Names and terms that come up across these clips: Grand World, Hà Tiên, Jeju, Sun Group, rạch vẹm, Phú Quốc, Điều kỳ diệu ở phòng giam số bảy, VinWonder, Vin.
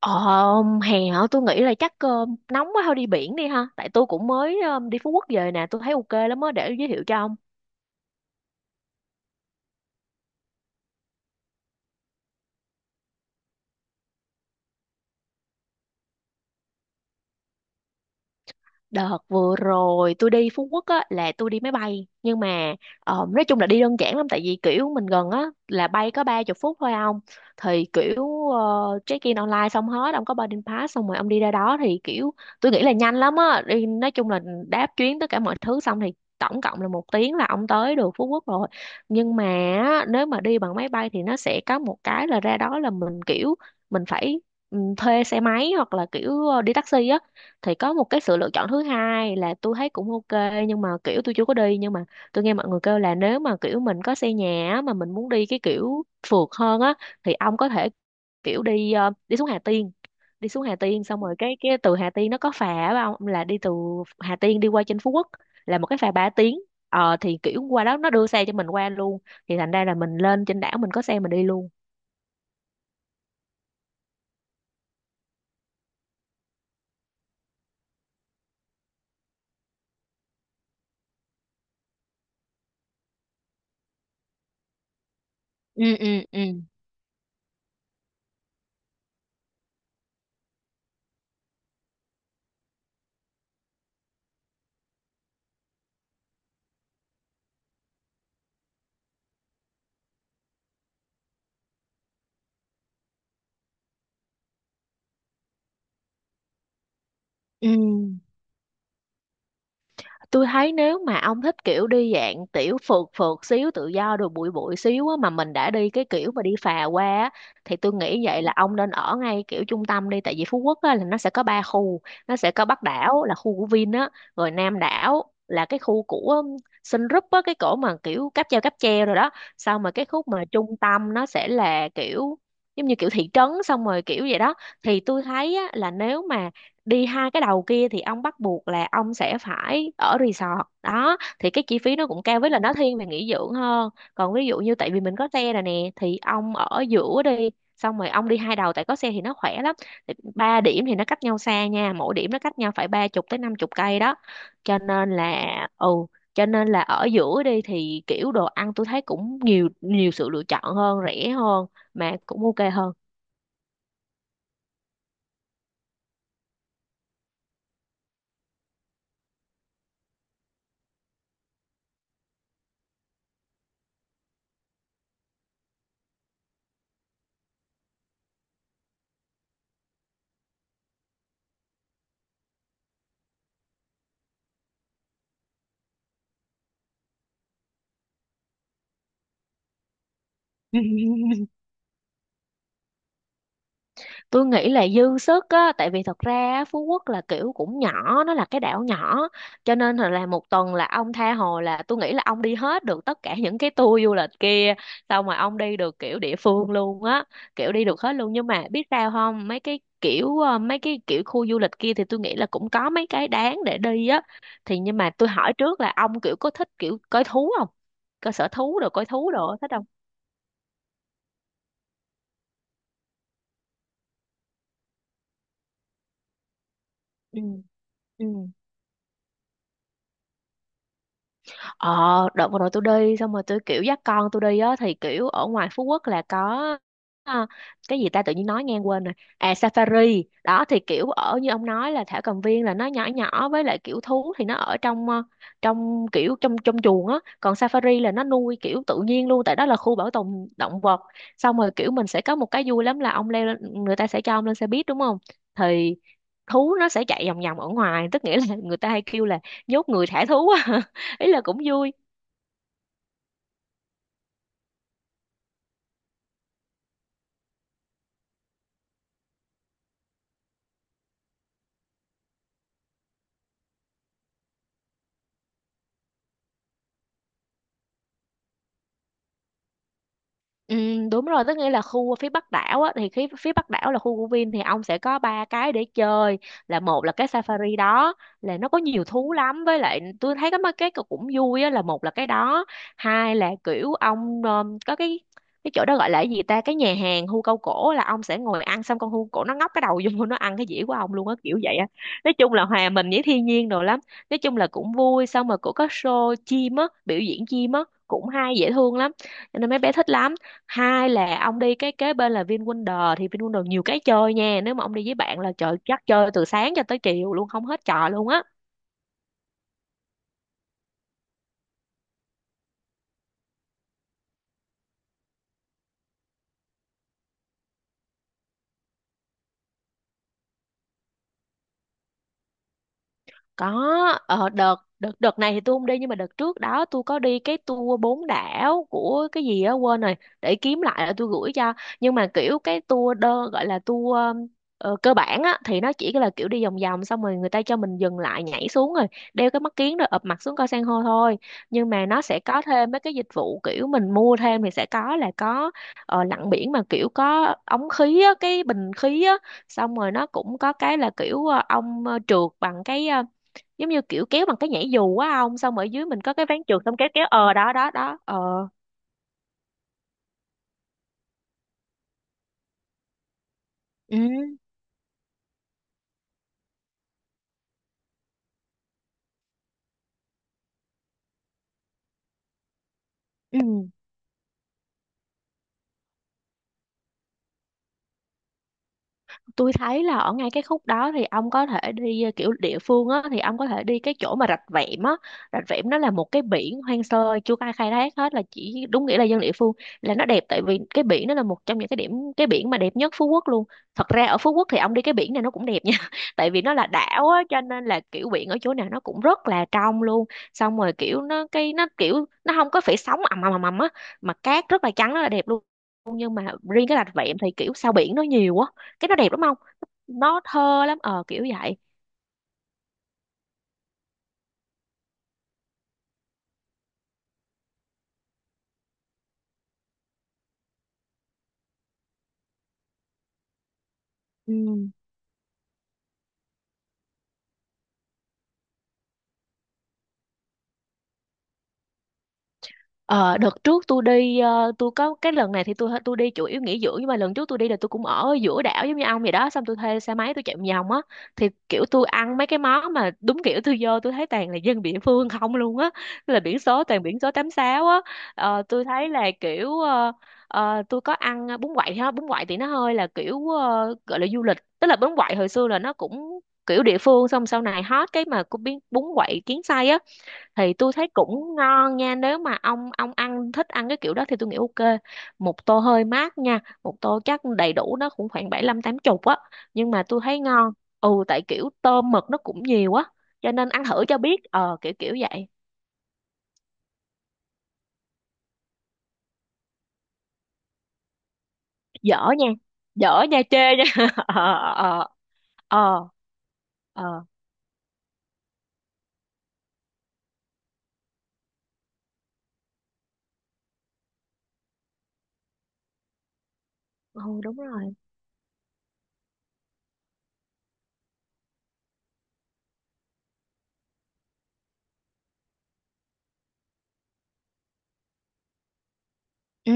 Ờ, Hè hả? Tôi nghĩ là chắc nóng quá thôi đi biển đi ha. Tại tôi cũng mới đi Phú Quốc về nè, tôi thấy ok lắm á, để giới thiệu cho ông. Đợt vừa rồi tôi đi Phú Quốc á là tôi đi máy bay, nhưng mà nói chung là đi đơn giản lắm, tại vì kiểu mình gần á là bay có ba chục phút thôi ông, thì kiểu check in online xong hết ông có boarding pass xong rồi ông đi ra đó, thì kiểu tôi nghĩ là nhanh lắm á đi, nói chung là đáp chuyến tất cả mọi thứ xong thì tổng cộng là một tiếng là ông tới được Phú Quốc rồi. Nhưng mà á, nếu mà đi bằng máy bay thì nó sẽ có một cái là ra đó là mình kiểu mình phải thuê xe máy hoặc là kiểu đi taxi á, thì có một cái sự lựa chọn thứ hai là tôi thấy cũng ok, nhưng mà kiểu tôi chưa có đi, nhưng mà tôi nghe mọi người kêu là nếu mà kiểu mình có xe nhà á, mà mình muốn đi cái kiểu phượt hơn á, thì ông có thể kiểu đi đi xuống Hà Tiên, đi xuống Hà Tiên xong rồi cái từ Hà Tiên nó có phà á ông, là đi từ Hà Tiên đi qua trên Phú Quốc, là một cái phà 3 tiếng. Ờ thì kiểu qua đó nó đưa xe cho mình qua luôn, thì thành ra là mình lên trên đảo mình có xe mình đi luôn. Ừ ừ ừ ừ Tôi thấy nếu mà ông thích kiểu đi dạng tiểu phượt phượt xíu tự do rồi bụi bụi xíu á, mà mình đã đi cái kiểu mà đi phà qua á, thì tôi nghĩ vậy là ông nên ở ngay kiểu trung tâm đi, tại vì Phú Quốc á, là nó sẽ có ba khu. Nó sẽ có Bắc đảo là khu của Vin á, rồi Nam đảo là cái khu của um, Sun Group á, cái cổ mà kiểu cáp treo rồi đó. Xong rồi cái khúc mà trung tâm nó sẽ là kiểu giống như kiểu thị trấn xong rồi kiểu vậy đó. Thì tôi thấy á, là nếu mà đi hai cái đầu kia thì ông bắt buộc là ông sẽ phải ở resort đó, thì cái chi phí nó cũng cao, với là nó thiên về nghỉ dưỡng hơn. Còn ví dụ như tại vì mình có xe rồi nè thì ông ở giữa đi, xong rồi ông đi hai đầu, tại có xe thì nó khỏe lắm. Thì ba điểm thì nó cách nhau xa nha, mỗi điểm nó cách nhau phải ba chục tới năm chục cây đó, cho nên là ừ, cho nên là ở giữa đi thì kiểu đồ ăn tôi thấy cũng nhiều nhiều sự lựa chọn hơn, rẻ hơn mà cũng ok hơn. Tôi nghĩ là dư sức á, tại vì thật ra á, Phú Quốc là kiểu cũng nhỏ, nó là cái đảo nhỏ, cho nên là một tuần là ông tha hồ, là tôi nghĩ là ông đi hết được tất cả những cái tour du lịch kia, xong rồi ông đi được kiểu địa phương luôn á, kiểu đi được hết luôn. Nhưng mà biết sao không, mấy cái kiểu mấy cái kiểu khu du lịch kia thì tôi nghĩ là cũng có mấy cái đáng để đi á. Thì nhưng mà tôi hỏi trước là ông kiểu có thích kiểu coi thú không, coi sở thú rồi coi thú rồi thích không? Ừ ừ Ờ, đợt vừa rồi tôi đi xong rồi tôi kiểu dắt con tôi đi á, thì kiểu ở ngoài Phú Quốc là có à, cái gì ta tự nhiên nói ngang quên rồi. À, Safari. Đó, thì kiểu ở như ông nói là thảo cầm viên là nó nhỏ nhỏ, với lại kiểu thú thì nó ở trong trong kiểu trong trong chuồng á, còn Safari là nó nuôi kiểu tự nhiên luôn, tại đó là khu bảo tồn động vật. Xong rồi kiểu mình sẽ có một cái vui lắm là ông leo lên, người ta sẽ cho ông lên xe buýt đúng không? Thì thú nó sẽ chạy vòng vòng ở ngoài, tức nghĩa là người ta hay kêu là nhốt người thả thú á, ý là cũng vui. Ừ, đúng rồi, tức nghĩa là khu phía Bắc đảo á, thì phía, phía Bắc đảo là khu của Vin, thì ông sẽ có ba cái để chơi. Là một là cái safari đó, là nó có nhiều thú lắm, với lại tôi thấy cái mấy cái cũng vui á, là một là cái đó. Hai là kiểu ông có cái chỗ đó gọi là cái gì ta, cái nhà hàng hươu câu cổ, là ông sẽ ngồi ăn xong con hươu cổ nó ngóc cái đầu vô nó ăn cái dĩa của ông luôn á, kiểu vậy á. Nói chung là hòa mình với thiên nhiên đồ lắm, nói chung là cũng vui, xong rồi cũng có show chim á, biểu diễn chim á, cũng hay, dễ thương lắm, cho nên mấy bé thích lắm. Hai là ông đi cái kế bên là VinWonder, thì VinWonder nhiều cái chơi nha, nếu mà ông đi với bạn là trời, chắc chơi từ sáng cho tới chiều luôn không hết trò luôn á. Có, ở đợt đợt đợt này thì tôi không đi, nhưng mà đợt trước đó tôi có đi cái tour bốn đảo của cái gì á quên rồi, để kiếm lại là tôi gửi cho. Nhưng mà kiểu cái tour đơ gọi là tour cơ bản á, thì nó chỉ là kiểu đi vòng vòng xong rồi người ta cho mình dừng lại nhảy xuống rồi đeo cái mắt kiếng rồi ụp mặt xuống coi san hô thôi. Nhưng mà nó sẽ có thêm mấy cái dịch vụ kiểu mình mua thêm thì sẽ có là có lặn biển mà kiểu có ống khí á, cái bình khí á. Xong rồi nó cũng có cái là kiểu ông trượt bằng cái giống như kiểu kéo bằng cái nhảy dù á ông, xong ở dưới mình có cái ván trượt xong kéo kéo ờ đó đó đó ờ. Ừ ừ Tôi thấy là ở ngay cái khúc đó thì ông có thể đi kiểu địa phương á, thì ông có thể đi cái chỗ mà rạch vẹm á. Rạch vẹm nó là một cái biển hoang sơ chưa ai khai thác hết, là chỉ đúng nghĩa là dân địa phương, là nó đẹp, tại vì cái biển nó là một trong những cái điểm, cái biển mà đẹp nhất Phú Quốc luôn. Thật ra ở Phú Quốc thì ông đi cái biển này nó cũng đẹp nha tại vì nó là đảo á, cho nên là kiểu biển ở chỗ nào nó cũng rất là trong luôn. Xong rồi kiểu nó cái nó kiểu nó không có phải sóng ầm ầm ầm ầm á, mà cát rất là trắng, rất là đẹp luôn. Nhưng mà riêng cái rạch vẹm thì kiểu sao biển nó nhiều á, cái nó đẹp đúng không, nó thơ lắm, ờ kiểu vậy. Ừ. Ờ, đợt trước tôi đi ờ, tôi có cái lần này thì tôi đi chủ yếu nghỉ dưỡng, nhưng mà lần trước tôi đi là tôi cũng ở giữa đảo giống như ông vậy đó, xong tôi thuê xe máy tôi chạy vòng vòng á, thì kiểu tôi ăn mấy cái món mà đúng kiểu tôi vô tôi thấy toàn là dân địa phương không luôn á, là biển số toàn biển số 86 á. Ờ, tôi thấy là kiểu tôi có ăn bún quậy ha, bún quậy thì nó hơi là kiểu gọi là du lịch, tức là bún quậy hồi xưa là nó cũng kiểu địa phương, xong sau này hot cái mà cũng biến bún quậy kiến xây á. Thì tôi thấy cũng ngon nha, nếu mà ông ăn thích ăn cái kiểu đó thì tôi nghĩ ok. Một tô hơi mát nha, một tô chắc đầy đủ nó cũng khoảng bảy lăm tám chục á, nhưng mà tôi thấy ngon. Ừ, tại kiểu tôm mực nó cũng nhiều á, cho nên ăn thử cho biết ờ kiểu kiểu vậy. Dở nha, dở nha, chê nha. Ờ ờ ờ ờ. Ừ đúng rồi. Ừ,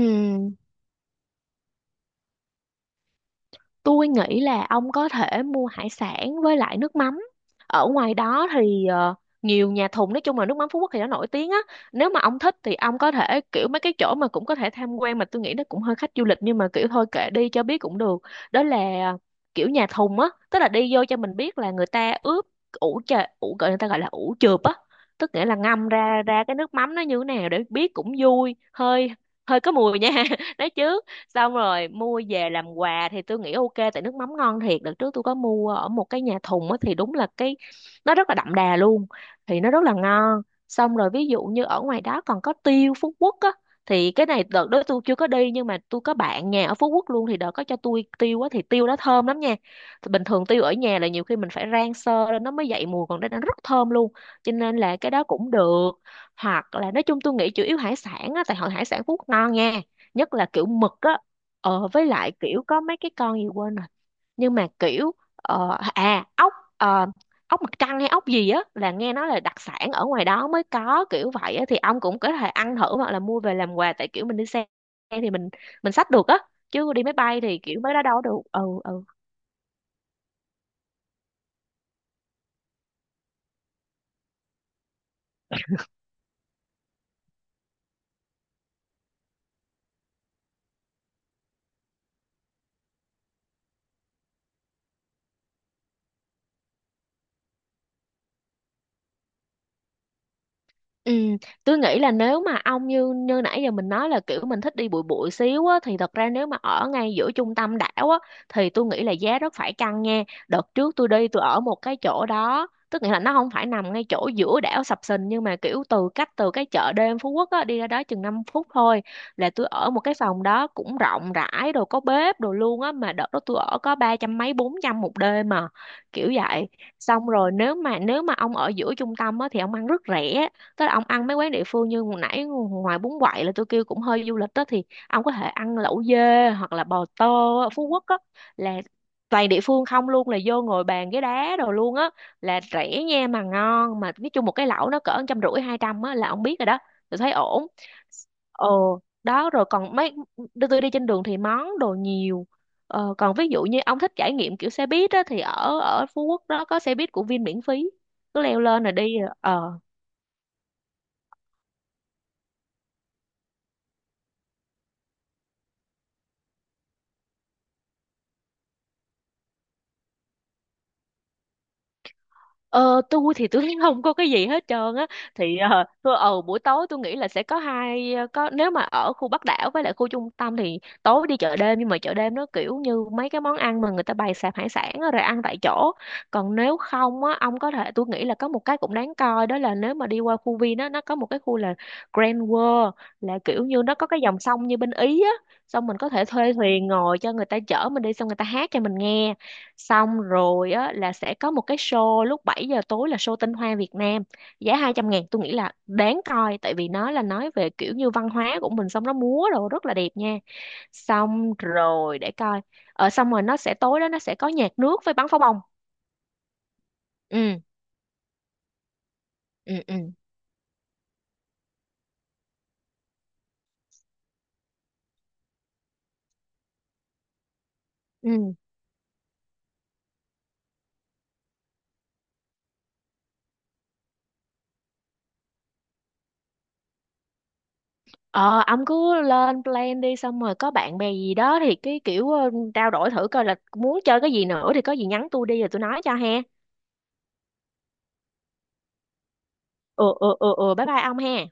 tôi nghĩ là ông có thể mua hải sản với lại nước mắm. Ở ngoài đó thì nhiều nhà thùng, nói chung là nước mắm Phú Quốc thì nó nổi tiếng á. Nếu mà ông thích thì ông có thể kiểu mấy cái chỗ mà cũng có thể tham quan, mà tôi nghĩ nó cũng hơi khách du lịch nhưng mà kiểu thôi kệ đi cho biết cũng được. Đó là ờ, kiểu nhà thùng á, tức là đi vô cho mình biết là người ta ướp, ủ chà ủ gọi người ta gọi là ủ chượp á, tức nghĩa là ngâm ra ra cái nước mắm nó như thế nào để biết cũng vui. Hơi hơi có mùi nha đấy chứ. Xong rồi mua về làm quà thì tôi nghĩ ok, tại nước mắm ngon thiệt. Đợt trước tôi có mua ở một cái nhà thùng á thì đúng là cái nó rất là đậm đà luôn, thì nó rất là ngon. Xong rồi ví dụ như ở ngoài đó còn có tiêu Phú Quốc á, thì cái này đợt đó tôi chưa có đi nhưng mà tôi có bạn nhà ở Phú Quốc luôn, thì đợt có cho tôi tiêu á thì tiêu đó thơm lắm nha. Thì bình thường tiêu ở nhà là nhiều khi mình phải rang sơ lên nó mới dậy mùi, còn đây nó rất thơm luôn, cho nên là cái đó cũng được. Hoặc là nói chung tôi nghĩ chủ yếu hải sản á, tại hội hải sản Phú Quốc ngon nha, nhất là kiểu mực á. Ờ, với lại kiểu có mấy cái con gì quên rồi, nhưng mà kiểu ốc, ốc mặt trăng hay ốc gì á là nghe nói là đặc sản ở ngoài đó mới có kiểu vậy á, thì ông cũng có thể ăn thử hoặc là mua về làm quà, tại kiểu mình đi xe thì mình xách được á, chứ đi máy bay thì kiểu mấy đó đâu có được. Ừ ừ. Ừ, tôi nghĩ là nếu mà ông như như nãy giờ mình nói là kiểu mình thích đi bụi bụi xíu á, thì thật ra nếu mà ở ngay giữa trung tâm đảo á thì tôi nghĩ là giá rất phải căng nha. Đợt trước tôi đi tôi ở một cái chỗ đó, tức nghĩa là nó không phải nằm ngay chỗ giữa đảo sập sình, nhưng mà kiểu từ cái chợ đêm Phú Quốc á đi ra đó chừng 5 phút thôi, là tôi ở một cái phòng đó cũng rộng rãi rồi, có bếp đồ luôn á, mà đợt đó tôi ở có 300 mấy 400 một đêm mà kiểu vậy. Xong rồi nếu mà ông ở giữa trung tâm á thì ông ăn rất rẻ, tức là ông ăn mấy quán địa phương như hồi nãy. Ngoài bún quậy là tôi kêu cũng hơi du lịch đó, thì ông có thể ăn lẩu dê hoặc là bò tô ở Phú Quốc á, là toàn địa phương không luôn, là vô ngồi bàn ghế đá đồ luôn á, là rẻ nha mà ngon, mà nói chung một cái lẩu nó cỡ 150 200 á là ông biết rồi đó. Tôi thấy ổn. Ồ đó rồi còn mấy, đưa tôi đi trên đường thì món đồ nhiều. Còn ví dụ như ông thích trải nghiệm kiểu xe buýt á thì ở ở Phú Quốc đó có xe buýt của Vin miễn phí, cứ leo lên rồi đi. Ờ Ờ, tôi thì tôi không có cái gì hết trơn á. Thì tôi buổi tối tôi nghĩ là sẽ có hai, có nếu mà ở khu Bắc đảo với lại khu trung tâm thì tối đi chợ đêm, nhưng mà chợ đêm nó kiểu như mấy cái món ăn mà người ta bày sạp hải sản á, rồi ăn tại chỗ. Còn nếu không á ông có thể, tôi nghĩ là có một cái cũng đáng coi, đó là nếu mà đi qua khu Vin á nó có một cái khu là Grand World, là kiểu như nó có cái dòng sông như bên Ý á, xong mình có thể thuê thuyền ngồi cho người ta chở mình đi, xong người ta hát cho mình nghe, xong rồi á là sẽ có một cái show lúc 7 giờ tối là show tinh hoa Việt Nam, giá 200.000, tôi nghĩ là đáng coi tại vì nó là nói về kiểu như văn hóa của mình, xong nó múa rồi rất là đẹp nha. Xong rồi để coi, xong rồi nó sẽ tối đó nó sẽ có nhạc nước với bắn pháo bông. Ừ ừ ừ ừ. Ờ ông cứ lên plan đi xong rồi có bạn bè gì đó thì cái kiểu trao đổi thử coi là muốn chơi cái gì nữa, thì có gì nhắn tôi đi rồi tôi nói cho ha. Ừ ừ ừ ừ, bye bye ông ha.